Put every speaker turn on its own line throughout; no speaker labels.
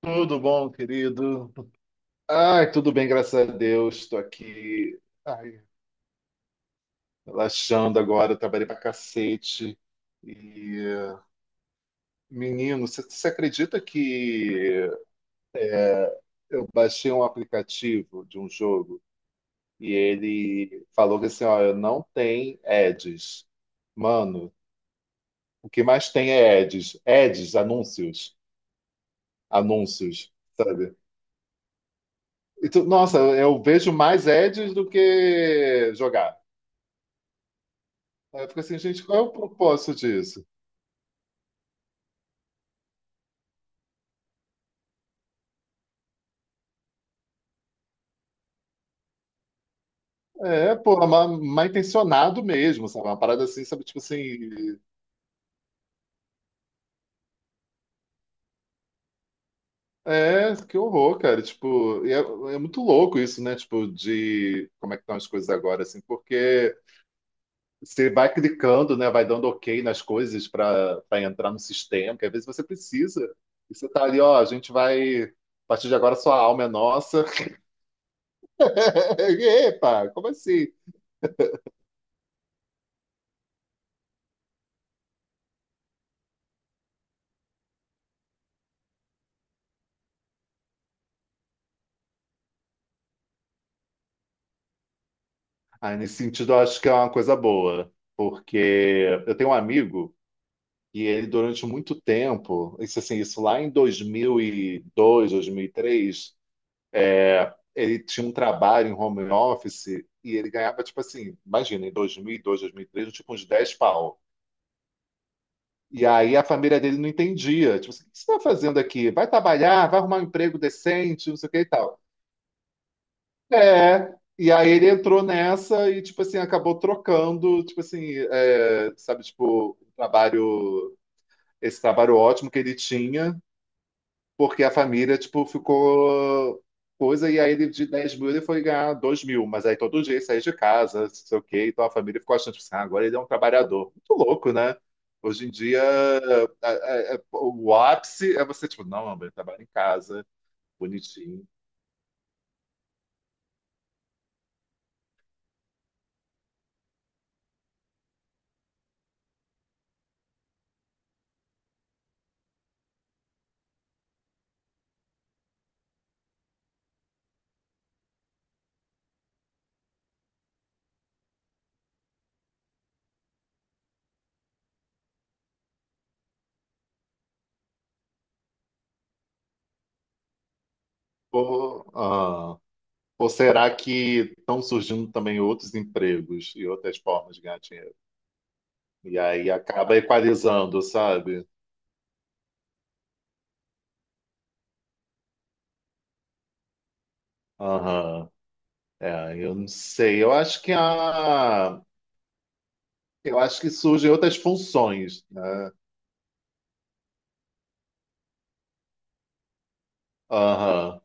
Tudo bom, querido? Ai, tudo bem, graças a Deus. Estou aqui, ai, relaxando agora. Trabalhei pra cacete. E, menino, você acredita que eu baixei um aplicativo de um jogo e ele falou que assim, ó, não tem ads. Mano, o que mais tem é ads. Ads, anúncios. Anúncios, sabe? E nossa, eu vejo mais ads do que jogar. Aí eu fico assim, gente, qual é o propósito disso? É, pô, mal intencionado mesmo, sabe? É uma parada assim, sabe? Tipo assim, é, que horror, cara. Tipo, e é muito louco isso, né? Tipo, de como é que estão as coisas agora, assim, porque você vai clicando, né? Vai dando ok nas coisas para entrar no sistema, que às vezes você precisa. E você tá ali, ó, a gente vai, a partir de agora sua alma é nossa. Epa, como assim? Ah, nesse sentido, eu acho que é uma coisa boa, porque eu tenho um amigo. E ele, durante muito tempo, isso, assim, isso lá em 2002, 2003, ele tinha um trabalho em home office e ele ganhava, tipo assim, imagina, em 2002, 2003, tipo uns 10 pau. E aí a família dele não entendia. Tipo assim, o que você está fazendo aqui? Vai trabalhar, vai arrumar um emprego decente, não sei o que e tal. É. E aí ele entrou nessa e, tipo assim, acabou trocando, tipo assim, é, sabe, tipo, o trabalho, esse trabalho ótimo que ele tinha porque a família, tipo, ficou coisa, e aí ele de 10 mil ele foi ganhar 2 mil, mas aí todo dia ele saía de casa, não sei o quê, então a família ficou achando, tipo, assim, ah, agora ele é um trabalhador. Muito louco, né? Hoje em dia, o ápice é você, tipo, não, amor, ele trabalha em casa, bonitinho. Ou, ah, ou será que estão surgindo também outros empregos e outras formas de ganhar dinheiro? E aí acaba equalizando, sabe? Aham. É, eu não sei. Eu acho que surgem outras funções, né? Aham.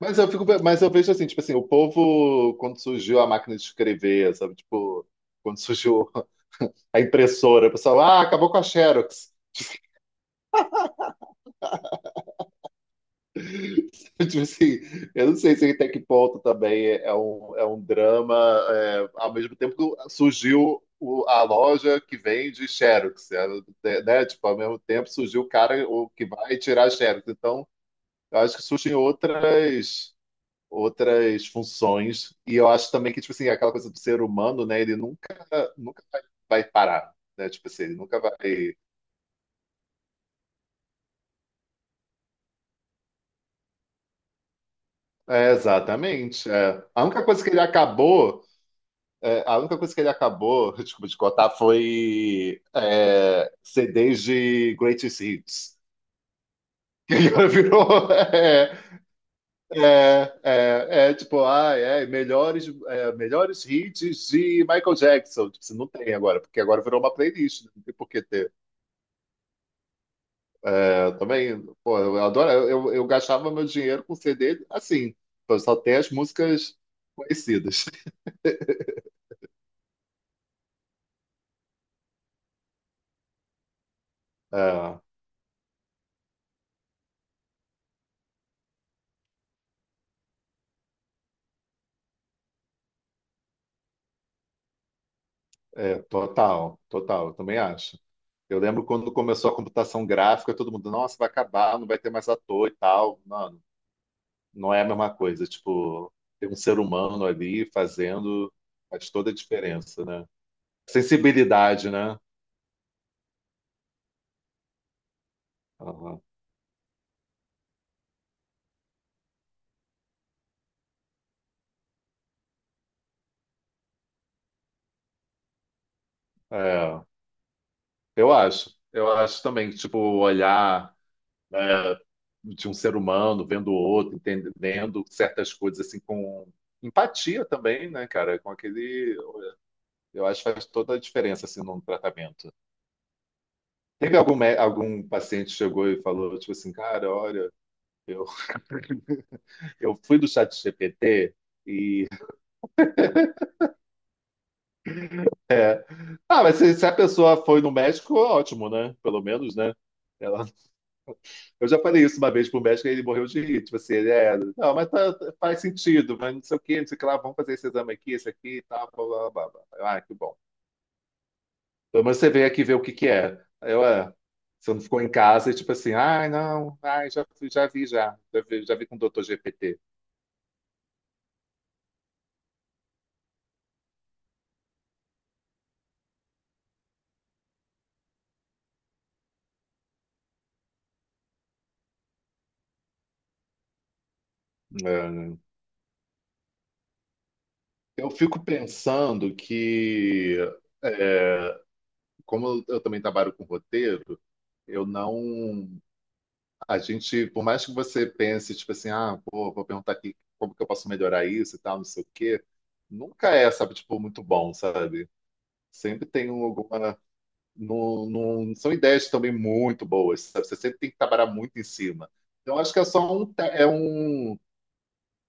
Mas eu fico, mas eu vejo assim, tipo assim, o povo, quando surgiu a máquina de escrever, sabe? Tipo, quando surgiu a impressora, o pessoal, ah, acabou com a Xerox. Tipo assim, eu não sei se até que ponto também é um drama, é, ao mesmo tempo que surgiu a loja que vende Xerox, é, né? Tipo, ao mesmo tempo surgiu o cara o que vai tirar Xerox. Então, eu acho que surgem outras funções. E eu acho também que, tipo assim, aquela coisa do ser humano, né? Ele nunca, nunca vai, vai parar, né? Tipo assim, ele nunca vai. É, exatamente. É. A única coisa que ele acabou, desculpa te contar, foi é, CDs de Greatest Hits. Que agora virou melhores hits de Michael Jackson. Tipo, assim, não tem agora, porque agora virou uma playlist, né, não tem por que ter. É, eu também, pô, eu adoro, eu gastava meu dinheiro com CD assim, eu só ter as músicas conhecidas. É, é, total, total, eu também acho. Eu lembro quando começou a computação gráfica, todo mundo, nossa, vai acabar, não vai ter mais ator e tal. Mano, não é a mesma coisa, tipo, ter um ser humano ali fazendo faz toda a diferença, né? Sensibilidade, né? Aham. É, eu acho também, tipo, olhar né, de um ser humano vendo o outro, entendendo certas coisas assim com empatia também, né, cara? Com aquele, eu acho que faz toda a diferença assim num tratamento. Teve algum algum paciente que chegou e falou tipo assim, cara, olha, eu eu fui do chat GPT e ah, mas se a pessoa foi no médico, ótimo, né? Pelo menos, né? Ela Eu já falei isso uma vez pro médico e ele morreu de rir. Tipo assim, ele é, não, mas faz sentido, mas não sei o que, não sei o que lá, vamos fazer esse exame aqui, esse aqui e tal, blá, blá, blá, blá. Eu, ah, que bom. Pelo menos você veio aqui ver o que que é. Aí eu, você não ficou em casa e tipo assim, ai, não, ai, já, já vi com o Dr. GPT. É. Eu fico pensando que, é, como eu também trabalho com roteiro, eu não. A gente, por mais que você pense, tipo assim, ah, pô, vou perguntar aqui como que eu posso melhorar isso e tal, não sei o quê, nunca é, sabe, tipo, muito bom, sabe? Sempre tem um- alguma. Não, não, são ideias também muito boas, sabe? Você sempre tem que trabalhar muito em cima. Então, acho que é só um, é um,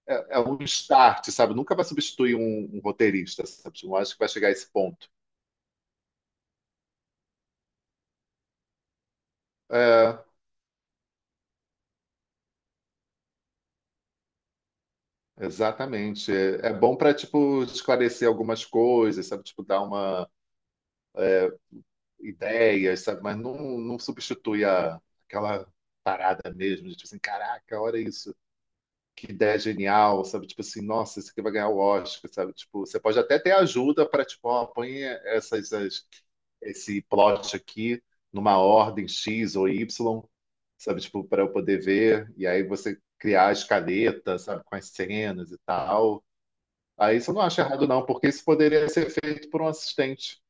é, é um start, sabe? Nunca vai substituir um roteirista, sabe? Não acho que vai chegar a esse ponto. É, exatamente. É, é bom para, tipo, esclarecer algumas coisas, sabe? Tipo, dar uma ideias, sabe? Mas não, não substitui a, aquela parada mesmo, de, tipo assim, caraca, olha isso, que ideia genial, sabe? Tipo assim, nossa, isso aqui vai ganhar o Oscar, sabe? Tipo, você pode até ter ajuda para, tipo, ó, põe essas, esse plot aqui numa ordem X ou Y, sabe? Tipo, para eu poder ver, e aí você criar a escaleta, sabe? Com as cenas e tal. Aí isso eu não acho errado, não, porque isso poderia ser feito por um assistente.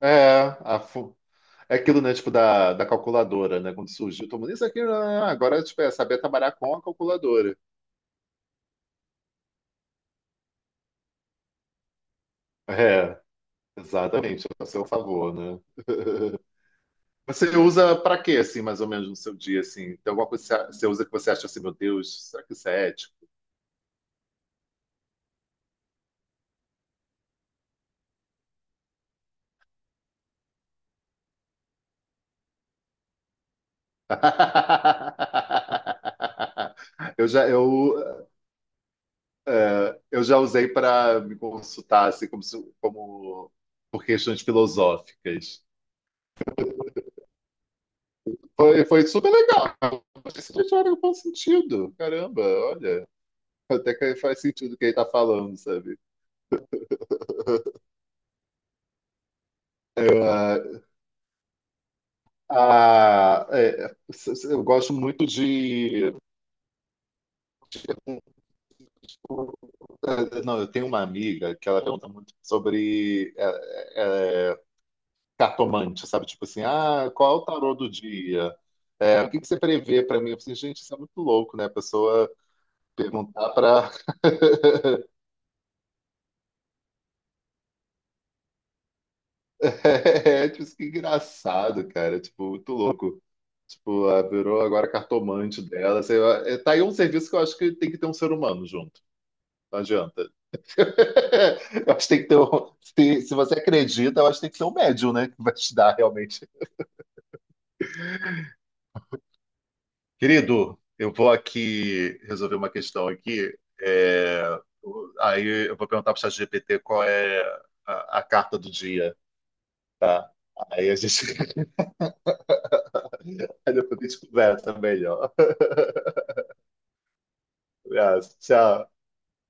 É, a, é aquilo, né, tipo, da calculadora, né? Quando surgiu, todo mundo, isso aqui, ah, agora, tipo, é saber trabalhar com a calculadora. É, exatamente, a seu favor, né? Você usa pra quê, assim, mais ou menos, no seu dia, assim? Tem alguma coisa que você usa que você acha assim, meu Deus, será que isso é ético? Eu já, eu, é, eu já usei para me consultar, assim, como, como por questões filosóficas. Foi super legal. Mas isso já era um bom sentido. Caramba, olha. Até que faz sentido o que ele tá falando, sabe? Eu, ah, ah, é, eu gosto muito de. Não, eu tenho uma amiga que ela pergunta muito sobre cartomante, sabe? Tipo assim, ah, qual é o tarô do dia? É, o que que você prevê para mim? Eu falei, gente, isso é muito louco, né? A pessoa perguntar para. É, tipo, que engraçado, cara. Tipo, muito louco. Tipo, ah, virou agora cartomante dela. Sei lá. É, tá aí um serviço que eu acho que tem que ter um ser humano junto. Não adianta. Eu acho que tem que ter um... se você acredita, eu acho que tem que ser um médium, né? Que vai te dar realmente. Querido, eu vou aqui resolver uma questão aqui. É, aí eu vou perguntar para o ChatGPT qual é a carta do dia, tá? Aí a gente aí depois a gente conversa melhor. Abraço, tchau.